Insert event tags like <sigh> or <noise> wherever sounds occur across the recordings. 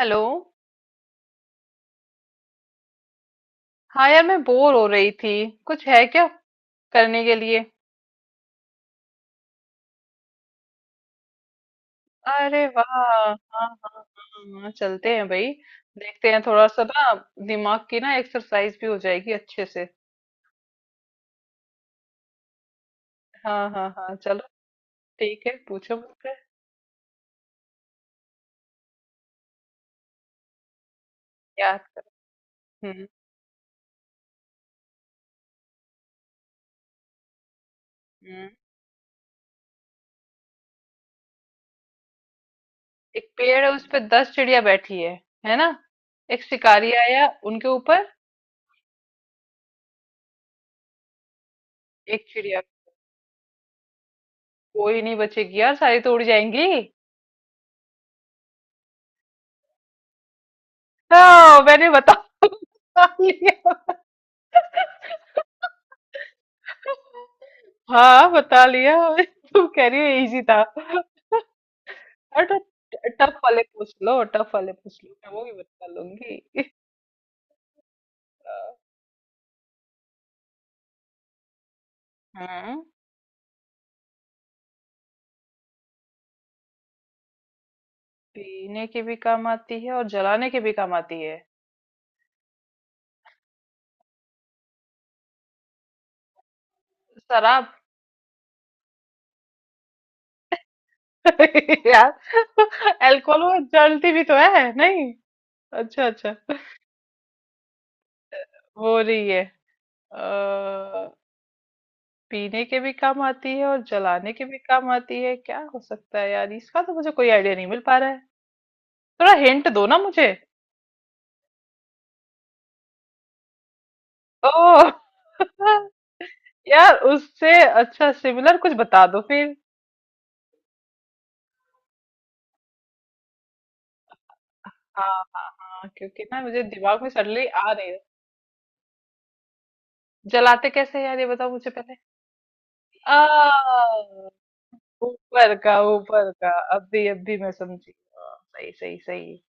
Hello. हाँ यार, मैं बोर हो रही थी। कुछ है क्या करने के लिए? अरे वाह, हाँ हाँ हाँ। हाँ, चलते हैं भाई। देखते हैं थोड़ा सा ना। दिमाग की ना एक्सरसाइज भी हो जाएगी अच्छे से। हाँ हाँ हाँ, चलो। ठीक है, पूछो मुझसे। याद करो। हम्म। हम्म। एक पेड़ है उस पे 10 चिड़िया बैठी है ना? एक शिकारी आया उनके ऊपर। एक चिड़िया। कोई नहीं बचेगी यार, सारी तो उड़ जाएंगी। हाँ मैंने बता <laughs> लिया। हाँ बता लिया <laughs> तुम कह रही हो इजी था। अरे तो, टफ वाले पूछ लो, टफ वाले पूछ लो, मैं वो भी बता लूंगी <laughs> हाँ, हम्म। पीने के भी काम आती है और जलाने के भी काम आती है। शराब। <laughs> यार, अल्कोहल वो जलती भी तो है नहीं। अच्छा अच्छा। हो रही है। आ, पीने के भी काम आती है और जलाने के भी काम आती है। क्या हो सकता है यार? इसका तो मुझे कोई आइडिया नहीं मिल पा रहा है। थोड़ा हिंट दो ना मुझे। ओ। हाँ, यार उससे। अच्छा सिमिलर कुछ बता दो फिर। हाँ हाँ हाँ, क्योंकि ना मुझे दिमाग में सडनली आ नहीं रहा। जलाते कैसे हैं यार, ये बताओ मुझे पहले। आ। ऊपर का, ऊपर का। अभी अभी मैं समझी। हाँ, सही सही सही।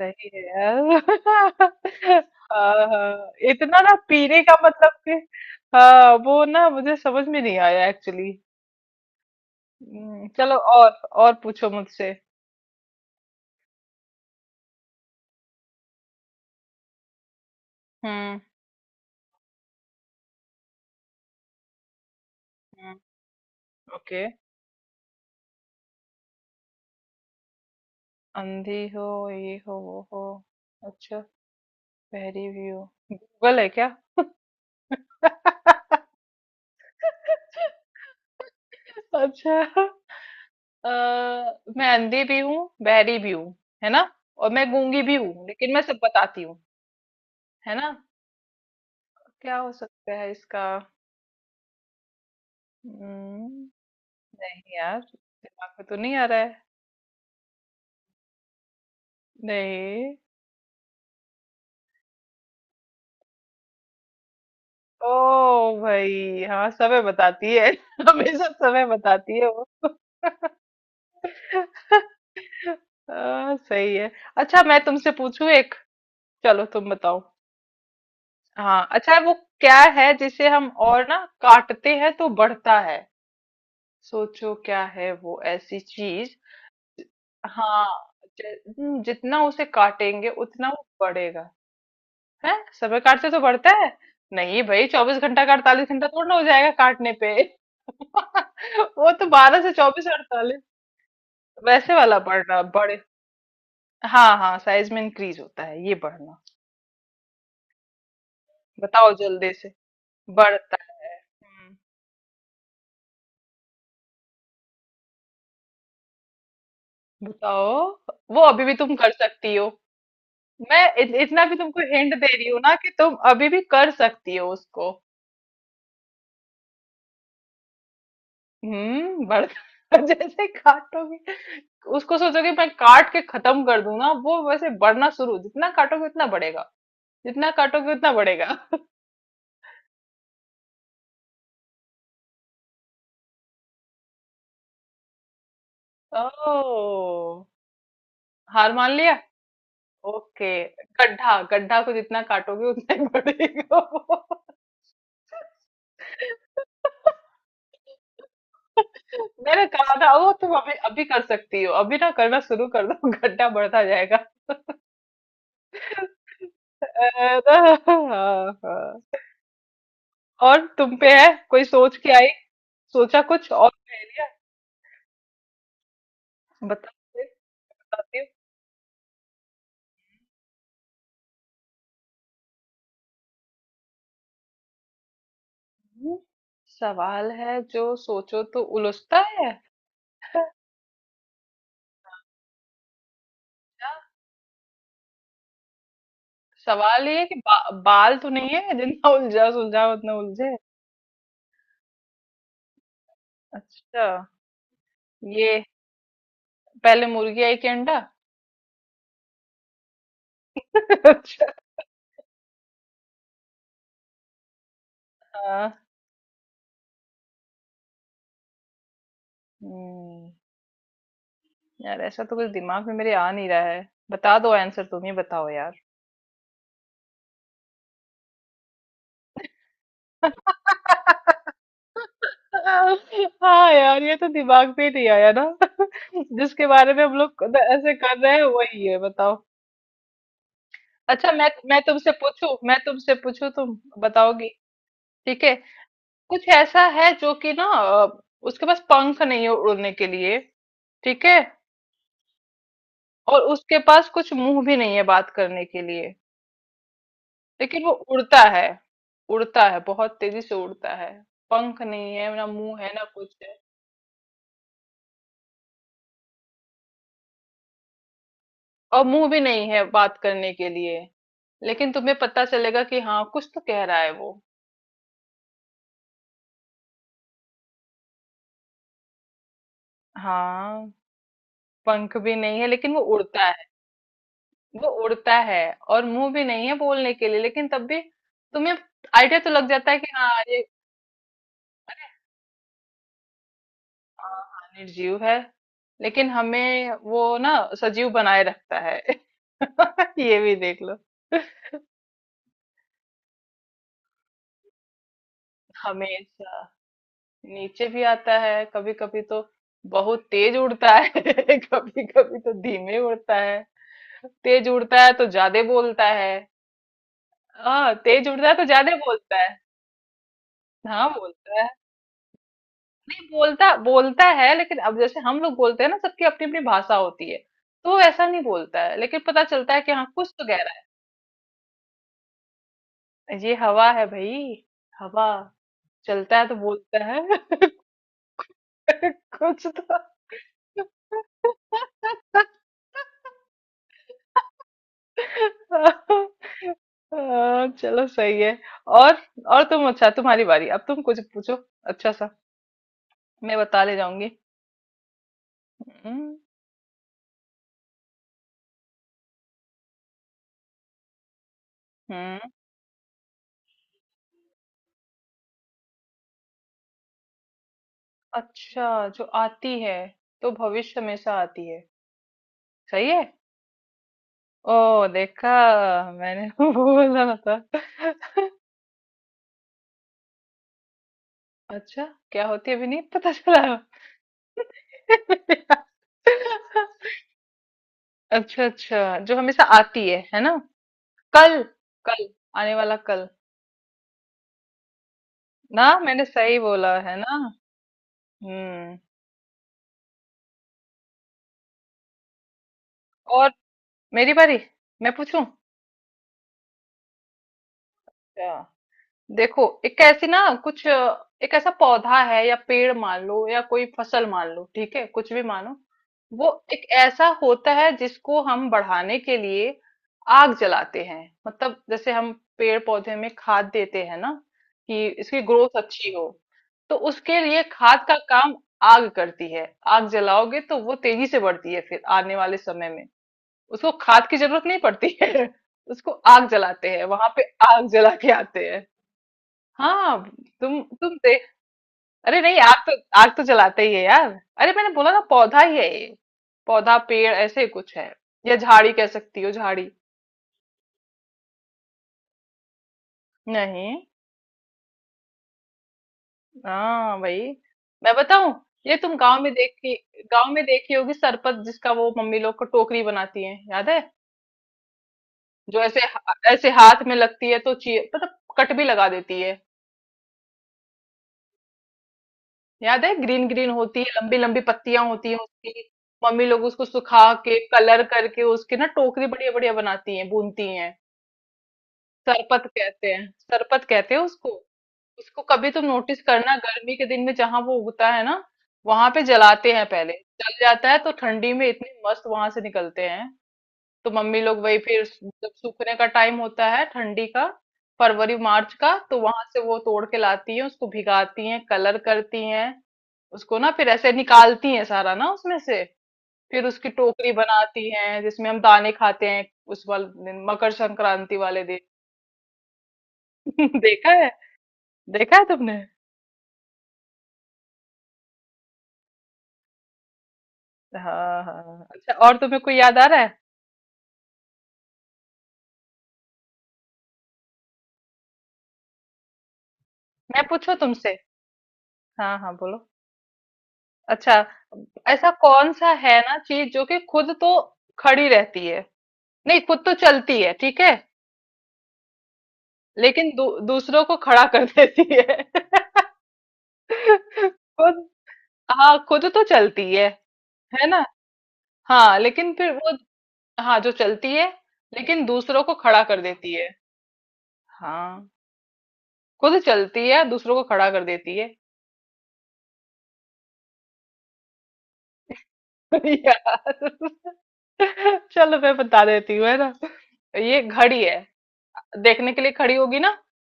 सही है यार <laughs> हाँ हाँ, इतना ना, पीने का मतलब कि हाँ वो ना मुझे समझ में नहीं आया एक्चुअली। चलो, और पूछो मुझसे। हम्म। हम्म। ओके। अंधी हो, ये हो, वो हो। अच्छा। बहरी भी हो। गूगल है क्या? <laughs> अच्छा। अ, मैं अंधी भी हूँ, बहरी भी हूँ, है ना? और मैं गूंगी भी हूँ, लेकिन मैं सब बताती हूँ, है ना? क्या हो सकता है इसका? हम्म, नहीं यार, दिमाग में तो नहीं आ रहा है। नहीं। ओ। भाई हाँ, समय बताती है <laughs> हमेशा समय बताती है वो। <laughs> सही है। अच्छा, मैं तुमसे पूछूं एक। चलो तुम बताओ। हाँ अच्छा, वो क्या है जिसे हम और ना काटते हैं तो बढ़ता है? सोचो क्या है वो ऐसी चीज। हाँ। ज- जितना उसे काटेंगे उतना वो बढ़ेगा। है। समय काटते तो बढ़ता है? नहीं भाई, 24 घंटा का 48 घंटा थोड़ा ना हो जाएगा काटने पे। <laughs> वो तो 12 से 24, 48। वैसे वाला बढ़ना, बढ़े। हाँ हाँ, साइज में इंक्रीज होता है ये बढ़ना। बताओ जल्दी से। बढ़ता है। हम्म, बताओ। वो अभी भी तुम कर सकती हो। मैं इतना भी तुमको हिंट दे रही हूँ ना कि तुम अभी भी कर सकती हो उसको। बढ़ <laughs> जैसे काटोगे उसको, सोचोगे मैं काट के खत्म कर दूं ना, वो वैसे बढ़ना शुरू, जितना काटोगे उतना बढ़ेगा। जितना काटोगे उतना बढ़ेगा। <laughs> ओ। हार मान लिया। ओके। गड्ढा। गड्ढा को जितना काटोगे उतना ही बढ़ेगा वो। <laughs> मैंने कहा था वो तुम अभी अभी कर सकती हो, अभी ना करना शुरू कर दो <laughs> गड्ढा बढ़ता जाएगा। <laughs> अरे, हाँ, हाँ। और तुम पे है कोई, सोच के आई? सोचा कुछ और पहेलियां? बताओ फिर। बताती हूँ। सवाल है जो सोचो तो उलझता है। क्या? सवाल ये है कि बाल तो नहीं है, जितना उलझा सुलझा उतना उलझे? अच्छा, ये पहले मुर्गी आई कि अंडा? <laughs> अच्छा। हाँ। हम्म, यार ऐसा तो कुछ दिमाग में मेरे आ नहीं रहा है, बता दो आंसर, तुम ही बताओ यार। <laughs> हाँ यार, ये तो दिमाग में नहीं आया ना। जिसके बारे में हम लोग ऐसे कर रहे हैं वही है, बताओ। अच्छा, मैं तुमसे पूछूं तुम बताओगी? ठीक है। कुछ ऐसा है जो कि ना, उसके पास पंख नहीं है उड़ने के लिए, ठीक है? और उसके पास कुछ मुंह भी नहीं है बात करने के लिए, लेकिन वो उड़ता है। उड़ता है, बहुत तेजी से उड़ता है। पंख नहीं है, ना मुंह है, ना कुछ है। और मुंह भी नहीं है बात करने के लिए, लेकिन तुम्हें पता चलेगा कि हाँ कुछ तो कह रहा है वो। हाँ, पंख भी नहीं है लेकिन वो उड़ता है। वो उड़ता है, और मुंह भी नहीं है बोलने के लिए, लेकिन तब भी तुम्हें आइडिया तो लग जाता है कि हाँ ये। हाँ हाँ, निर्जीव है, लेकिन हमें वो ना सजीव बनाए रखता है। <laughs> ये भी देख लो। हमेशा। नीचे भी आता है कभी कभी तो, बहुत तेज उड़ता है <laughs> कभी कभी तो धीमे उड़ता है। तेज उड़ता है तो ज्यादा बोलता है। हाँ तेज उड़ता है तो ज्यादा बोलता है। हाँ बोलता है। नहीं, बोलता बोलता है लेकिन अब जैसे हम लोग बोलते हैं ना, सबकी अपनी अपनी भाषा होती है, तो वो ऐसा नहीं बोलता है लेकिन पता चलता है कि हाँ कुछ तो गहरा है, ये हवा है भाई। हवा। चलता है तो बोलता है। <laughs> कुछ तो। हाँ, चलो सही है। और और तुम अच्छा, तुम्हारी बारी, अब तुम कुछ पूछो अच्छा सा। मैं बता ले जाऊंगी। हम्म। हम्म, अच्छा, जो आती है तो भविष्य हमेशा आती है। सही है। ओ देखा, मैंने <laughs> वो बोला था। अच्छा क्या होती है, अभी नहीं पता चला। <laughs> अच्छा अच्छा, जो हमेशा आती है ना? कल। कल। आने वाला कल। ना, मैंने सही बोला है ना। हम्म। और, मेरी बारी, मैं पूछूं। देखो एक ऐसी ना कुछ, एक ऐसा पौधा है या पेड़ मान लो, या कोई फसल मान लो, ठीक है? कुछ भी मानो। वो एक ऐसा होता है जिसको हम बढ़ाने के लिए आग जलाते हैं। मतलब जैसे हम पेड़ पौधे में खाद देते हैं ना कि इसकी ग्रोथ अच्छी हो, तो उसके लिए खाद का काम आग करती है। आग जलाओगे तो वो तेजी से बढ़ती है, फिर आने वाले समय में उसको खाद की जरूरत नहीं पड़ती है। <laughs> उसको आग जलाते हैं वहां पे। आग जला के आते हैं। हाँ। तुम दे। अरे नहीं, आग तो जलाते ही है यार। अरे मैंने बोला ना पौधा ही है ये। पौधा, पेड़ ऐसे ही कुछ है, या झाड़ी, कह सकती हो झाड़ी। नहीं। हाँ भाई, मैं बताऊं? ये तुम गांव में देखी, गांव में देखी होगी सरपत, जिसका वो मम्मी लोग को टोकरी बनाती है, याद है? जो ऐसे, ऐसे हाथ में लगती है तो ची मतलब कट भी लगा देती है। याद है, ग्रीन ग्रीन होती है, लंबी लंबी पत्तियां होती हैं उसकी। मम्मी लोग उसको सुखा के, कलर करके उसके ना टोकरी बढ़िया बढ़िया बनाती हैं, बुनती हैं। सरपत कहते हैं, सरपत कहते हैं उसको। उसको कभी तुम नोटिस करना, गर्मी के दिन में जहां वो उगता है ना, वहां पे जलाते हैं पहले। जल जाता है तो ठंडी में इतने मस्त वहां से निकलते हैं। तो मम्मी लोग वही फिर, जब सूखने का टाइम होता है ठंडी का, फरवरी मार्च का, तो वहां से वो तोड़ के लाती हैं, उसको भिगाती हैं, कलर करती हैं, उसको ना फिर ऐसे निकालती हैं सारा ना उसमें से, फिर उसकी टोकरी बनाती हैं जिसमें हम दाने खाते हैं, उस वाले दिन, मकर संक्रांति वाले दिन। <laughs> देखा है? देखा है तुमने? हाँ हाँ हाँ। अच्छा, और तुम्हें कोई याद आ रहा है? मैं पूछूं तुमसे? हाँ हाँ बोलो। अच्छा, ऐसा कौन सा है ना चीज जो कि खुद तो खड़ी रहती है, नहीं, खुद तो चलती है, ठीक है? लेकिन दूसरों को खड़ा कर देती है। <laughs> खुद। हाँ खुद तो चलती है ना? हाँ लेकिन फिर वो, हाँ जो चलती है, लेकिन दूसरों को खड़ा कर देती है। हाँ, खुद चलती है, दूसरों को खड़ा कर देती है। <laughs> यार चलो मैं बता देती हूँ, है ना? ये घड़ी है। देखने के लिए खड़ी होगी ना,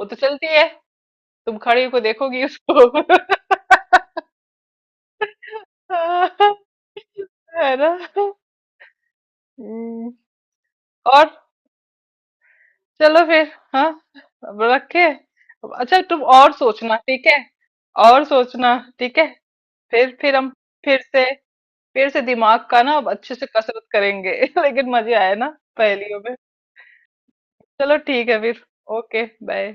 वो तो चलती है, तुम खड़ी को देखोगी उसको। <laughs> है ना? हम्म। और चलो फिर, हाँ, अब रखे। अच्छा, तुम और सोचना ठीक है, और सोचना ठीक है, फिर हम फिर से, फिर से दिमाग का ना अब अच्छे से कसरत करेंगे। <laughs> लेकिन मजे आए ना, पहेलियों में। चलो ठीक है फिर। Okay bye.